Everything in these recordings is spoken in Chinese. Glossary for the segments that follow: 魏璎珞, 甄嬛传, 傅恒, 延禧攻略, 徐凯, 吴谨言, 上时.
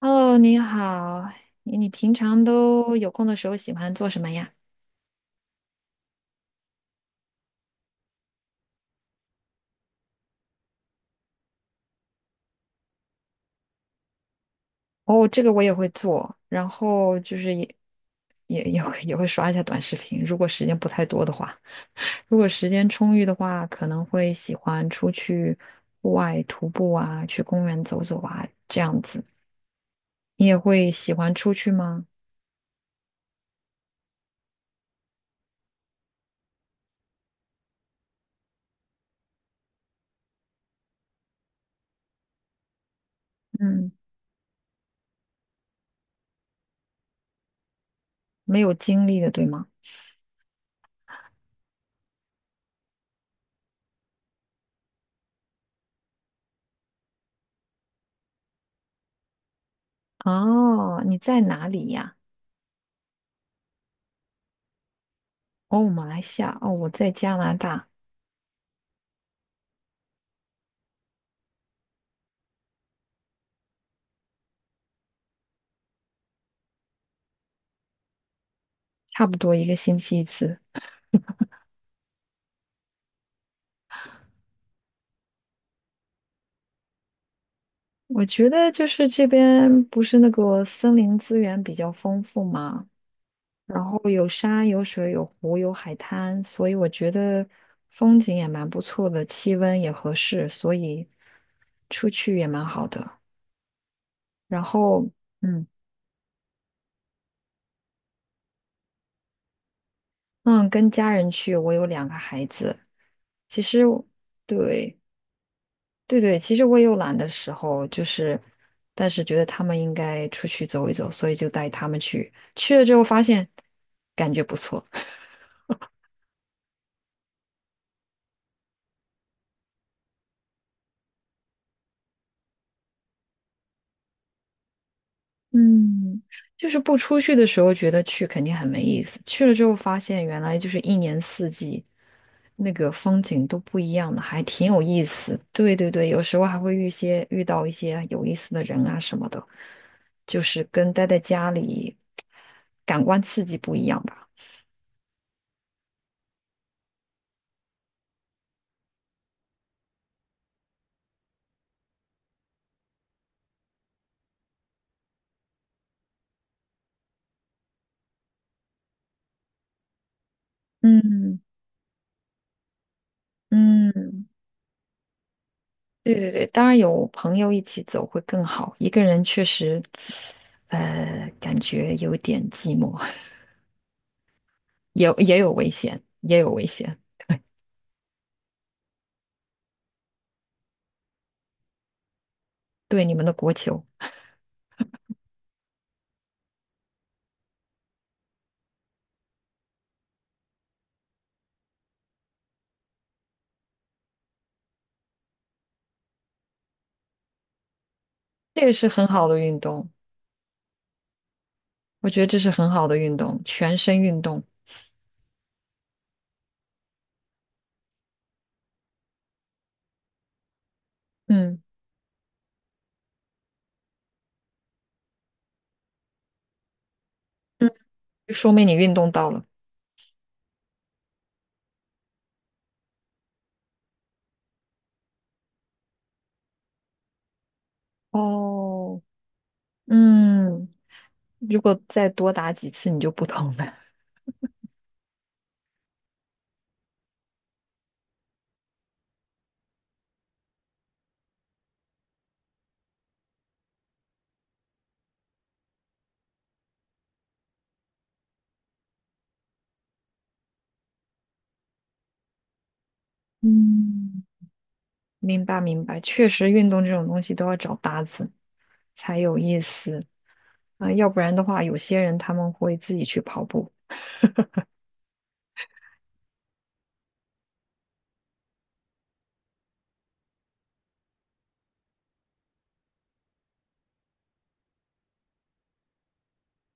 Hello，你好，你平常都有空的时候喜欢做什么呀？哦，这个我也会做，然后就是也会刷一下短视频，如果时间不太多的话，如果时间充裕的话，可能会喜欢出去户外徒步啊，去公园走走啊，这样子。你也会喜欢出去吗？嗯，没有精力的，对吗？哦，你在哪里呀？哦，马来西亚，哦，我在加拿大，差不多一个星期一次。我觉得就是这边不是那个森林资源比较丰富嘛，然后有山有水有湖有海滩，所以我觉得风景也蛮不错的，气温也合适，所以出去也蛮好的。然后，嗯嗯，跟家人去，我有两个孩子，其实我对对对，其实我也有懒的时候，就是但是觉得他们应该出去走一走，所以就带他们去，去了之后发现感觉不错。嗯，就是不出去的时候觉得去肯定很没意思，去了之后发现原来就是一年四季那个风景都不一样的，还挺有意思。对对对，有时候还会遇些遇到一些有意思的人啊什么的，就是跟待在家里感官刺激不一样吧。嗯嗯，对对对，当然有朋友一起走会更好，一个人确实，感觉有点寂寞。也有危险，也有危险。对你们的国球，这个是很好的运动，我觉得这是很好的运动，全身运动。嗯嗯，说明你运动到了。哦，嗯，如果再多打几次，你就不疼了。嗯，明白明白，确实运动这种东西都要找搭子才有意思啊，要不然的话，有些人他们会自己去跑步。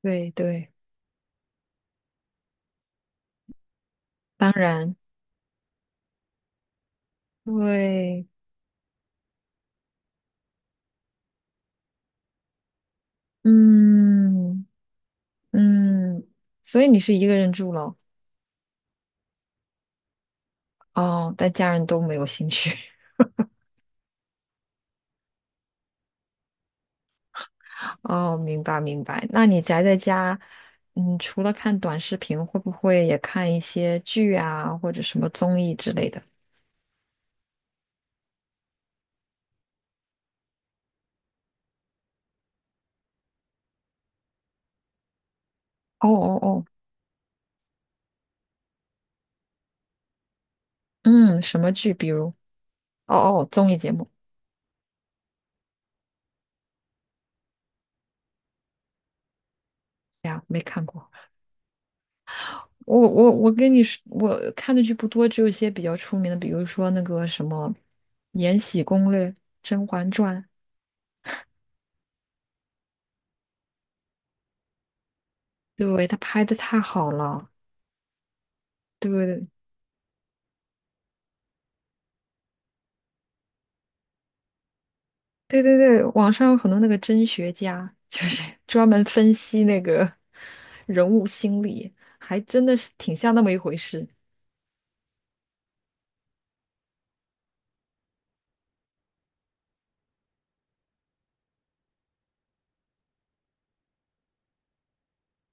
对对，当然对，嗯。嗯，所以你是一个人住咯？哦，但家人都没有兴趣。哦，明白明白。那你宅在家，嗯，除了看短视频，会不会也看一些剧啊，或者什么综艺之类的？哦哦哦，嗯，什么剧？比如，哦哦，综艺节目。哎呀，没看过。我跟你说，我看的剧不多，只有一些比较出名的，比如说那个什么《延禧攻略》《甄嬛传》，对，不对？他拍的太好了。对不对，对对对，网上有很多那个真学家，就是 专门分析那个人物心理，还真的是挺像那么一回事。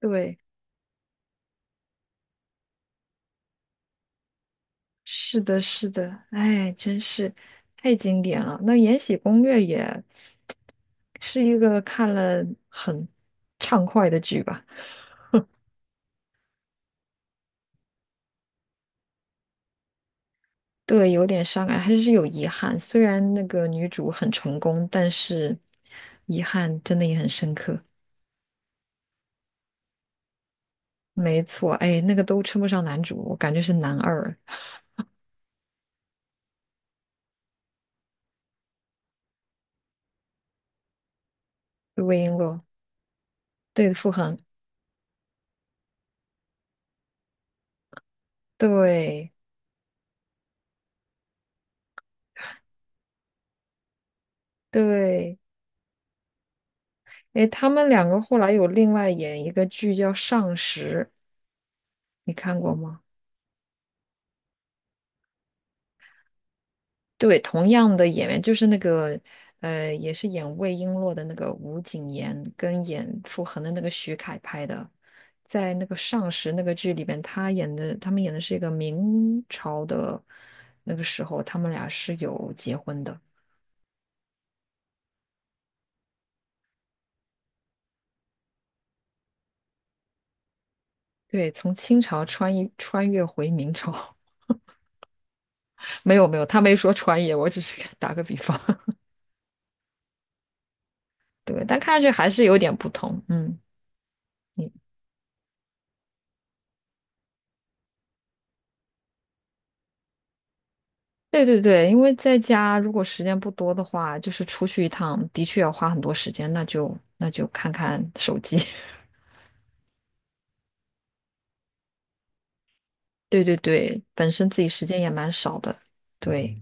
对，是的，是的，哎，真是太经典了。那《延禧攻略》也是一个看了很畅快的剧吧？对，有点伤感，还是有遗憾。虽然那个女主很成功，但是遗憾真的也很深刻。没错，哎，那个都称不上男主，我感觉是男二魏璎珞。对，傅恒，对对，哎，他们两个后来有另外演一个剧叫《上时》，你看过吗？对，同样的演员，就是那个也是演魏璎珞的那个吴谨言，跟演傅恒的那个徐凯拍的，在那个《上时》那个剧里边，他们演的是一个明朝的那个时候，他们俩是有结婚的。对，从清朝穿越回明朝，没有没有，他没说穿越，我只是 打个比方。对，但看上去还是有点不同。嗯，你对对对，因为在家如果时间不多的话，就是出去一趟的确要花很多时间，那就看看手机。对对对，本身自己时间也蛮少的。对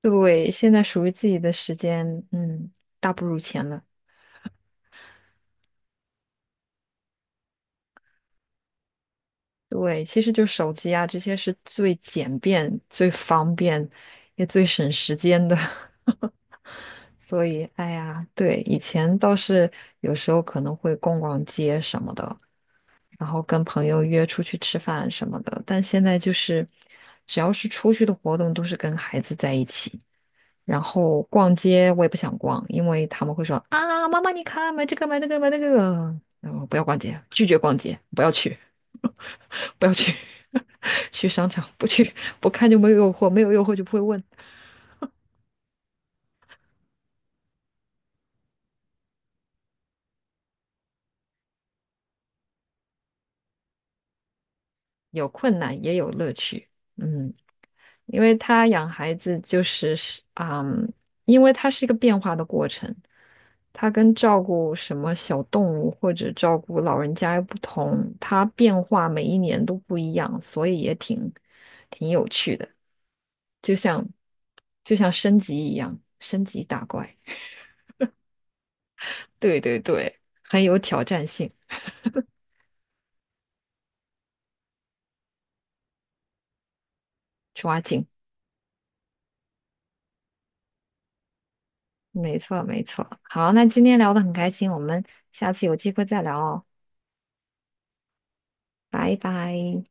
对，现在属于自己的时间，嗯，大不如前了。对，其实就手机啊，这些是最简便、最方便，也最省时间的。所以，哎呀，对，以前倒是有时候可能会逛逛街什么的，然后跟朋友约出去吃饭什么的，但现在就是只要是出去的活动都是跟孩子在一起，然后逛街我也不想逛，因为他们会说啊，妈妈你看买这个买那个，然后不要逛街，拒绝逛街，不要去，不要去，去商场不去，不看就没有诱惑，没有诱惑就不会问，有困难也有乐趣，嗯。因为他养孩子就是嗯，因为它是一个变化的过程，它跟照顾什么小动物或者照顾老人家又不同，它变化每一年都不一样，所以也挺有趣的，就像就像升级一样，升级打怪，对对对，很有挑战性，抓紧，没错没错。好，那今天聊的很开心，我们下次有机会再聊哦，拜拜。